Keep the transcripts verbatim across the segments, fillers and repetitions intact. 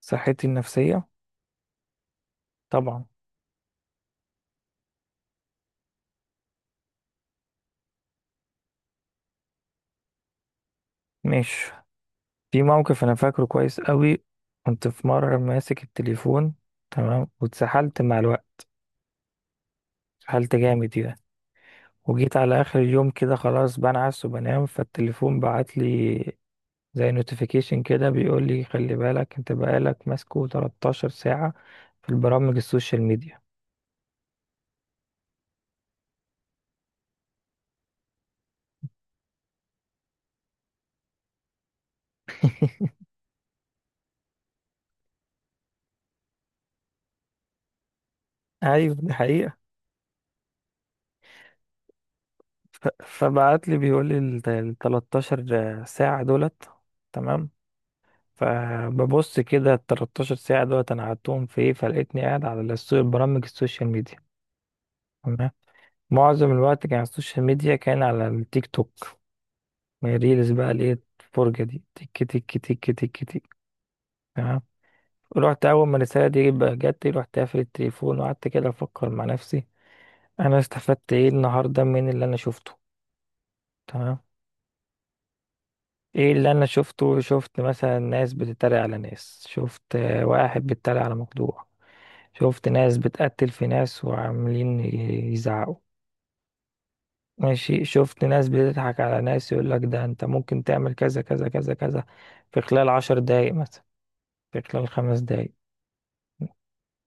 صحتي النفسية، طبعا. مش في موقف أنا فاكره كويس قوي. كنت في مرة ماسك التليفون، تمام، واتسحلت مع الوقت. اتسحلت جامد يعني، وجيت على آخر اليوم كده خلاص بنعس وبنام فالتليفون بعت لي زي نوتيفيكيشن كده بيقول لي خلي بالك انت بقالك ماسكه تلتاشر ساعة في البرامج السوشيال ميديا. ايوه، دي حقيقة. ف- فبعت لي بيقول لي ال تلتاشر ساعة دولت، تمام. فببص كده ال تلتاشر ساعة دولت أنا قعدتهم في إيه، فلقيتني قاعد على السو- برامج السوشيال ميديا، تمام. معظم الوقت كان على السوشيال ميديا، كان على التيك توك، من ريلز بقى اللي هي الفرجة دي، تك تك تك تك تك، تمام. رحت أول ما الرسالة دي بقى جت، رحت قافل التليفون وقعدت كده أفكر مع نفسي أنا استفدت إيه النهاردة من اللي أنا شفته، تمام. ايه اللي انا شفته؟ شفت مثلا ناس بتتريق على ناس، شفت آه، واحد بيتريق على مخدوع، شفت ناس بتقتل في ناس وعاملين يزعقوا، ماشي، شفت ناس بتضحك على ناس، يقول لك ده انت ممكن تعمل كذا كذا كذا كذا في خلال عشر دقايق مثلا، في خلال خمس دقايق،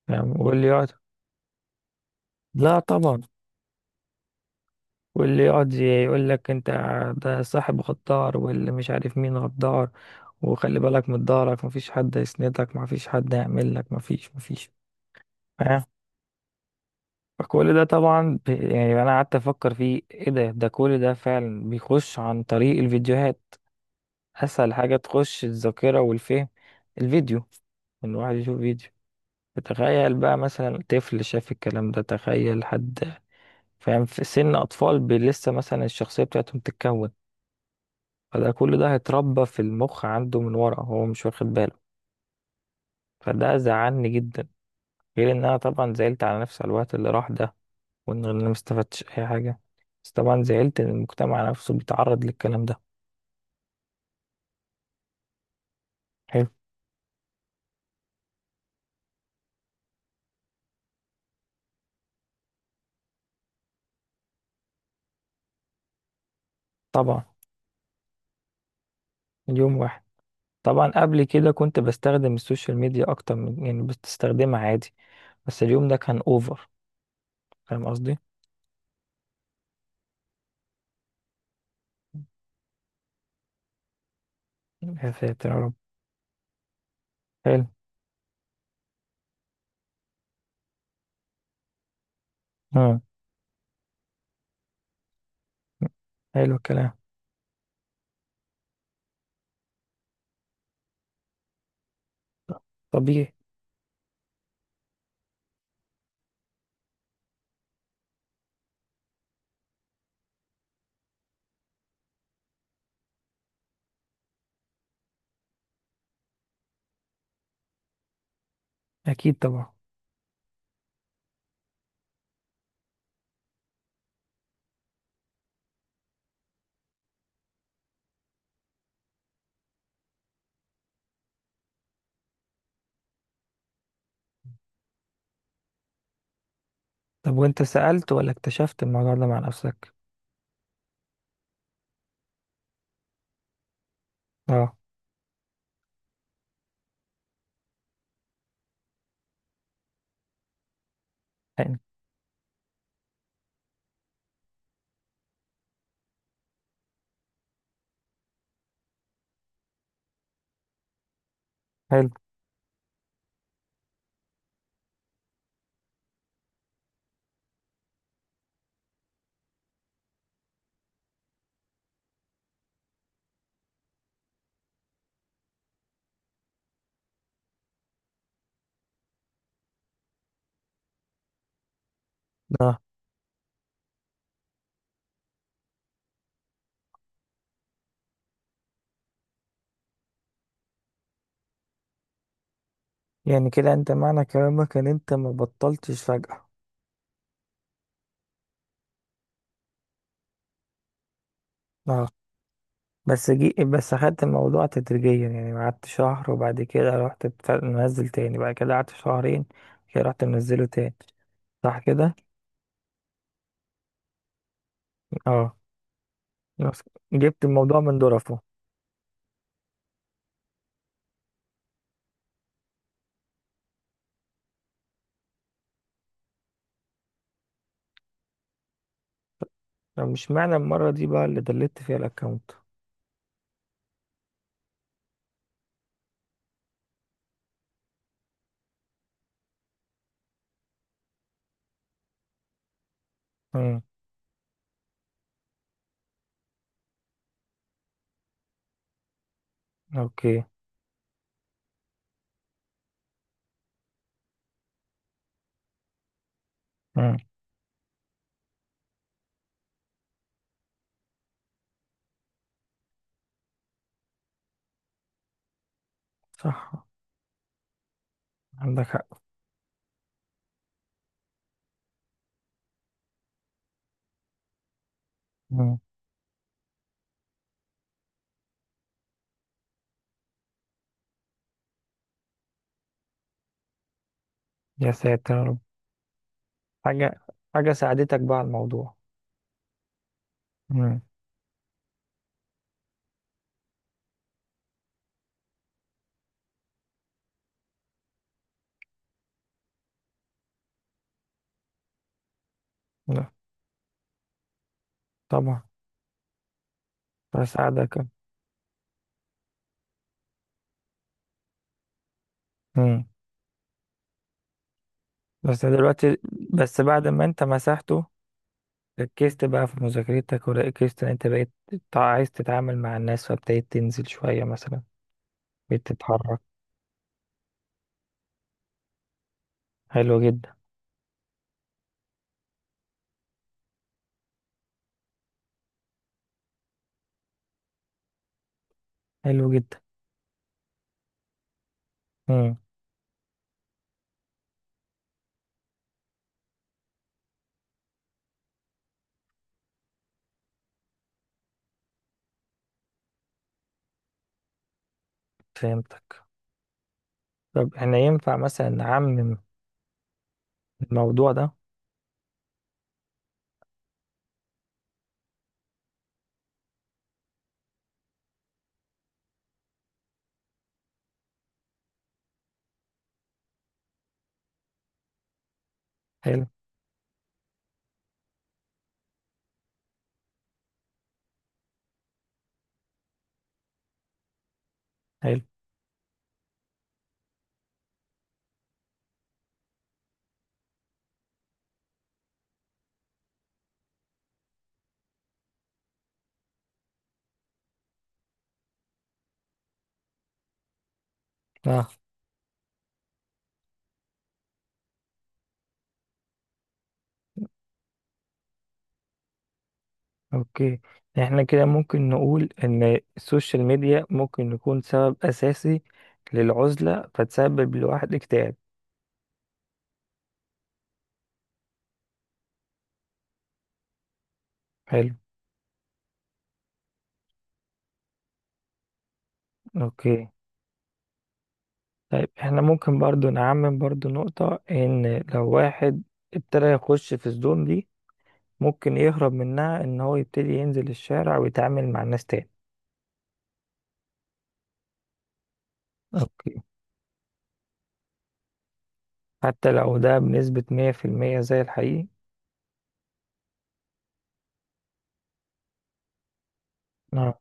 فاهم؟ واللي يقعد لا طبعا. واللي يقعد يقول لك انت ده صاحب غدار، واللي مش عارف مين غدار، وخلي بالك من ضهرك، مفيش حد يسندك، مفيش حد يعمل لك، مفيش مفيش فكل ده طبعا ب- يعني انا قعدت افكر فيه ايه ده ده كل ده فعلا بيخش عن طريق الفيديوهات. اسهل حاجة تخش الذاكرة والفهم الفيديو، ان الواحد يشوف فيديو. تخيل بقى مثلا طفل شاف الكلام ده، تخيل حد فاهم في سن اطفال ب- لسه مثلا الشخصية بتاعتهم تتكون. فده كل ده هيتربى في المخ عنده من ورا هو مش واخد باله، فده زعلني جدا. غير ان انا طبعا زعلت على نفسي على الوقت اللي راح ده، وان انا ما استفدتش اي حاجه. بس طبعا زعلت ان المجتمع نفسه بيتعرض للكلام ده. حلو. طبعا. اليوم واحد؟ طبعا، قبل كده كنت بستخدم السوشيال ميديا اكتر من، يعني بستخدمها عادي، بس اليوم ده كان اوفر، فاهم قصدي؟ يا ساتر يا رب. حلو. اه. حلو الكلام. طبيعي. اكيد طبعا. طب وانت سألت ولا اكتشفت الموضوع ده مع نفسك؟ اه. يعني. حلو. اه. يعني كده انت معنى كلامك ان انت ما بطلتش فجأة؟ اه. بس جي بس اخدت الموضوع تدريجيا، يعني قعدت شهر، وبعد كده رحت بت- منزل تاني، بعد كده قعدت شهرين كده، رحت منزله تاني. صح كده. اه. بس جبت الموضوع من ظرفه. طب مش معنى المرة دي بقى اللي دلت فيها الاكونت؟ امم. اوكي. امم. صح. عندك حق. امم. يا ساتر يا رب. حاجة حاجة ساعدتك بقى على الموضوع؟ امم. لا طبعا. بساعدك. امم. بس دلوقتي بس بعد ما انت مسحته ركزت بقى في مذاكرتك، وركزت ان انت بقيت تع- عايز تتعامل مع الناس، فابتديت تنزل شوية مثلا، بقيت تتحرك. حلو جدا. حلو جدا. امم. فهمتك. طب احنا ينفع مثلا نعمم الموضوع ده؟ حلو. حلو. اه. اوكي. احنا كده ممكن نقول ان السوشيال ميديا ممكن نكون سبب اساسي للعزلة، فتسبب لواحد اكتئاب. حلو. اوكي. طيب احنا ممكن برضو نعمم برضو نقطة ان لو واحد ابتدى يخش في الزون دي، ممكن يهرب منها ان هو يبتدي ينزل الشارع ويتعامل مع الناس تاني. اوكي. حتى لو ده بنسبة مية في المية زي الحقيقي. نعم.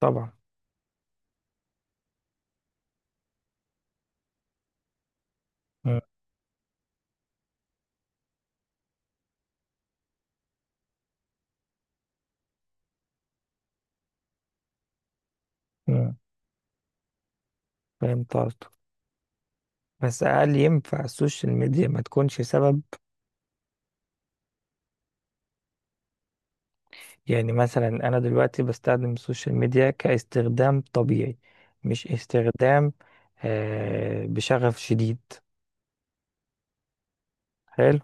طبعا. مم. مم. فهمت قصدك. بس هل ينفع السوشيال ميديا ما تكونش سبب؟ يعني مثلا أنا دلوقتي بستخدم السوشيال ميديا كاستخدام طبيعي، مش استخدام آه بشغف شديد. حلو.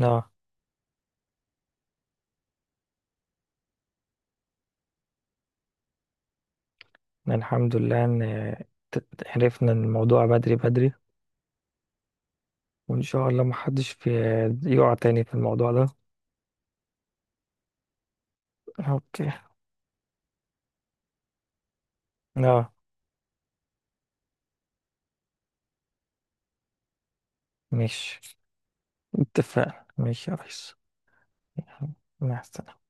اه. الحمد لله ان ت- عرفنا الموضوع بدري بدري، وان شاء الله محدش في يقع تاني في الموضوع ده. اوكي. اه. مش اتفقنا مش يا ريس؟ مع السلامة.